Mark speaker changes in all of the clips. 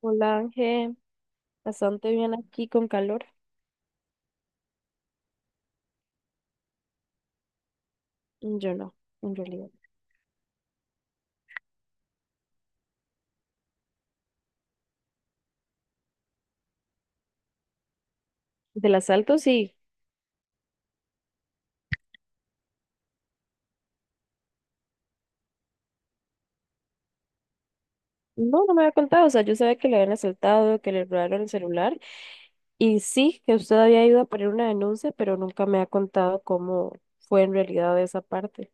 Speaker 1: Hola Ángel, bastante bien aquí con calor. Yo no, en realidad. Del asalto sí. No, no me había contado. O sea, yo sabía que le habían asaltado, que le robaron el celular. Y sí, que usted había ido a poner una denuncia, pero nunca me ha contado cómo fue en realidad esa parte.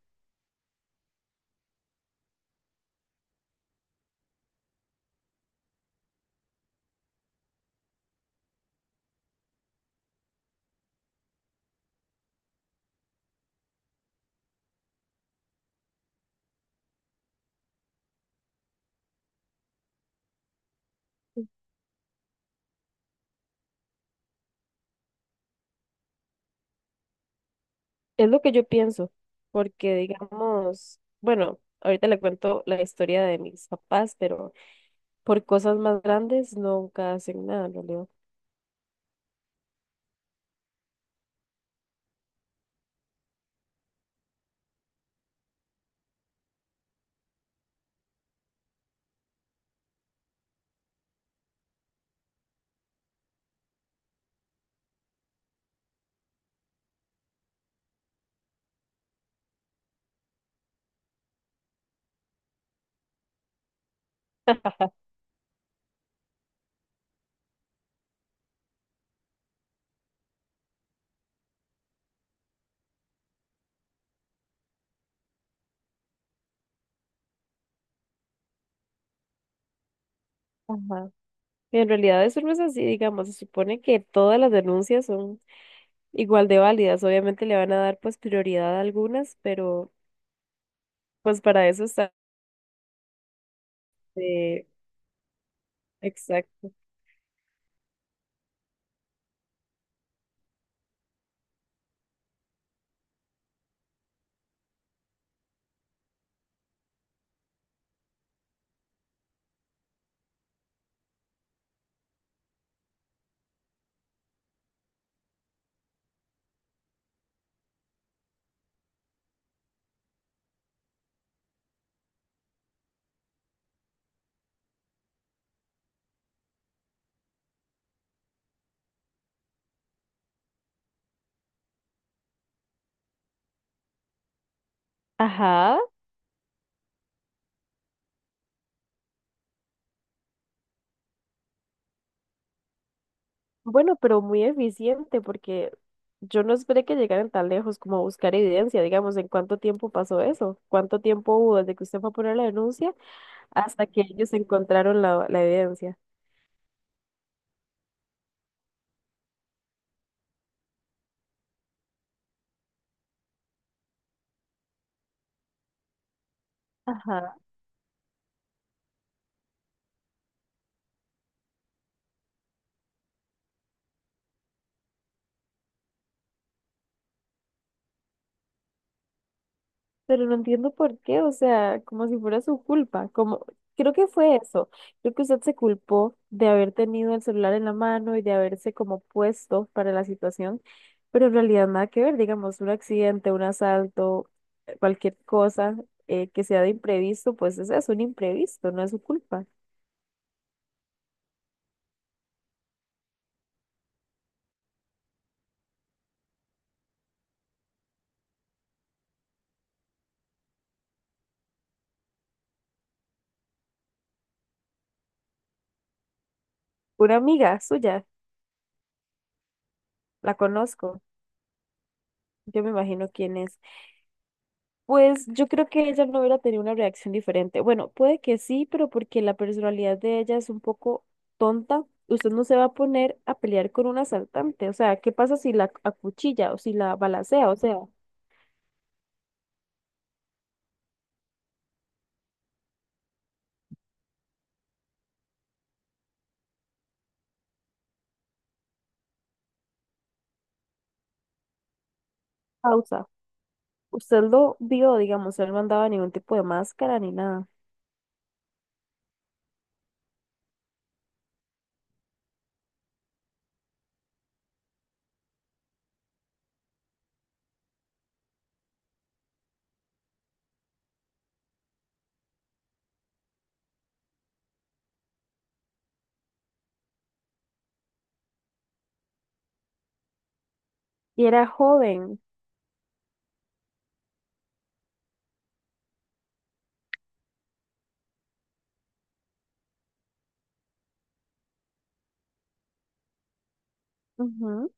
Speaker 1: Es lo que yo pienso, porque digamos, bueno, ahorita le cuento la historia de mis papás, pero por cosas más grandes nunca hacen nada en realidad. Ajá. En realidad eso no es así, digamos, se supone que todas las denuncias son igual de válidas. Obviamente le van a dar pues prioridad a algunas, pero pues para eso está... eh, exacto. Ajá. Bueno, pero muy eficiente porque yo no esperé que llegaran tan lejos como a buscar evidencia, digamos, en cuánto tiempo pasó eso, cuánto tiempo hubo desde que usted fue a poner la denuncia hasta que ellos encontraron la evidencia. Ajá. Pero no entiendo por qué, o sea, como si fuera su culpa, como creo que fue eso, creo que usted se culpó de haber tenido el celular en la mano y de haberse como puesto para la situación, pero en realidad nada que ver, digamos, un accidente, un asalto, cualquier cosa que sea de imprevisto, pues es eso, un imprevisto, no es su culpa. Una amiga suya, la conozco, yo me imagino quién es. Pues yo creo que ella no hubiera tenido una reacción diferente. Bueno, puede que sí, pero porque la personalidad de ella es un poco tonta, usted no se va a poner a pelear con un asaltante. O sea, ¿qué pasa si la acuchilla o si la balacea? O sea, pausa. Usted lo vio, digamos, él no andaba ningún tipo de máscara ni nada. Y era joven. Ujú.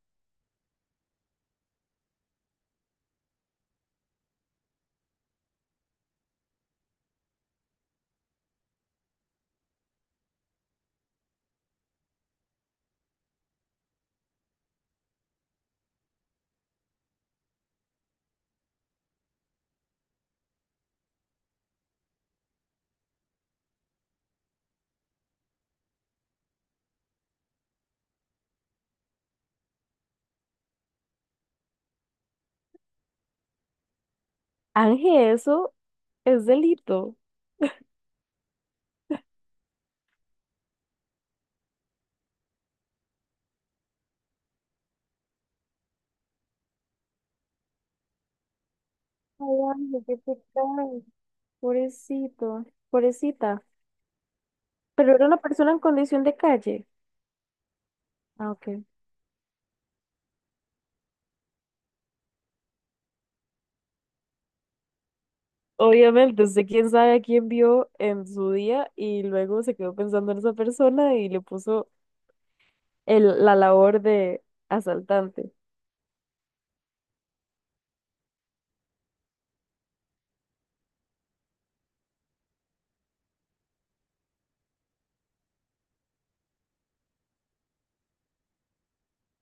Speaker 1: Ángel, eso es delito. Ay, Ángel, qué pecado. Pobrecito, pobrecita. Pero era una persona en condición de calle. Ah, ok. Obviamente, usted quién sabe a quién vio en su día y luego se quedó pensando en esa persona y le puso el, la labor de asaltante.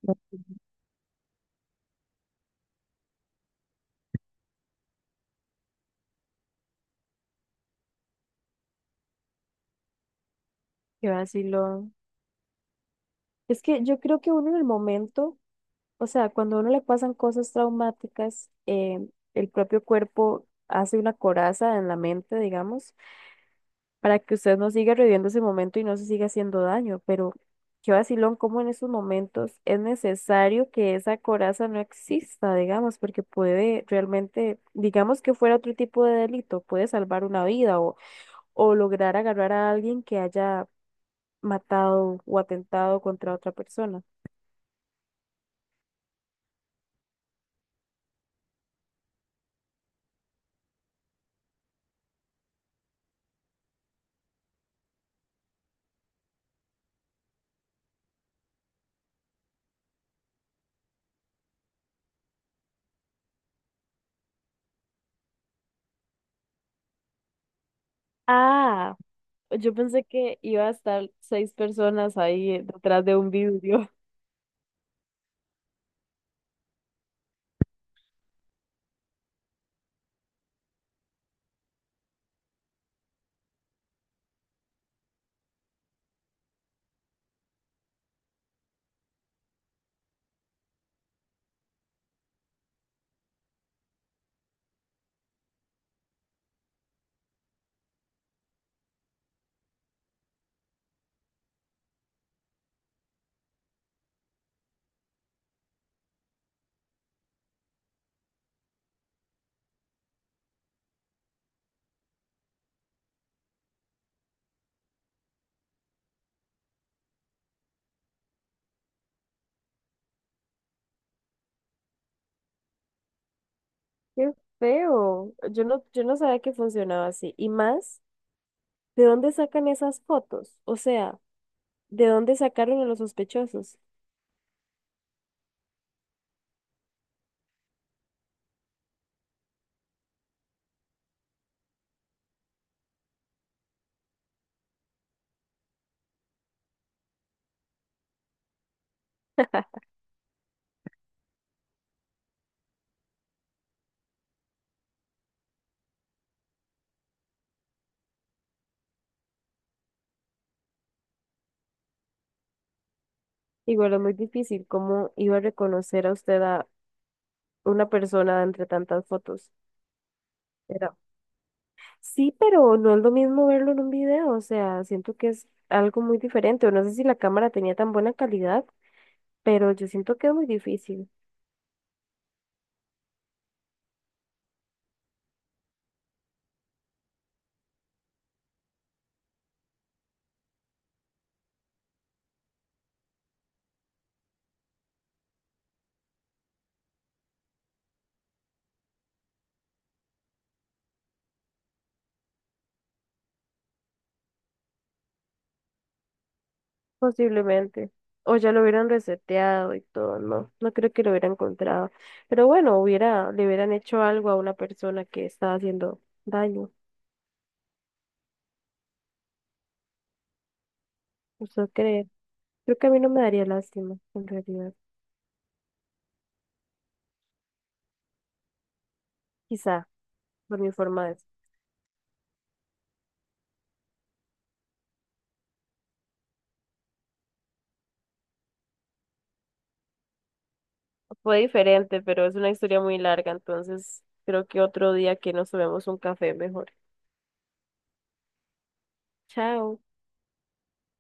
Speaker 1: No. Qué vacilón. Es que yo creo que uno en el momento, o sea, cuando a uno le pasan cosas traumáticas, el propio cuerpo hace una coraza en la mente, digamos, para que usted no siga reviviendo ese momento y no se siga haciendo daño. Pero qué vacilón, cómo en esos momentos es necesario que esa coraza no exista, digamos, porque puede realmente, digamos que fuera otro tipo de delito, puede salvar una vida o lograr agarrar a alguien que haya matado o atentado contra otra persona. Ah, yo pensé que iba a estar 6 personas ahí detrás de un vidrio. Qué feo. Yo no, yo no sabía que funcionaba así. Y más. ¿De dónde sacan esas fotos? O sea, ¿de dónde sacaron a los sospechosos? Igual es muy difícil. ¿Cómo iba a reconocer a usted a una persona entre tantas fotos? Era, sí, pero no es lo mismo verlo en un video. O sea, siento que es algo muy diferente. O no sé si la cámara tenía tan buena calidad, pero yo siento que es muy difícil. Posiblemente. O ya lo hubieran reseteado y todo, no, no creo que lo hubiera encontrado. Pero bueno, hubiera, le hubieran hecho algo a una persona que estaba haciendo daño. ¿Usted cree? Creo que a mí no me daría lástima, en realidad. Quizá, por mi forma de ser. Fue diferente, pero es una historia muy larga, entonces creo que otro día que nos tomemos un café mejor. Chao.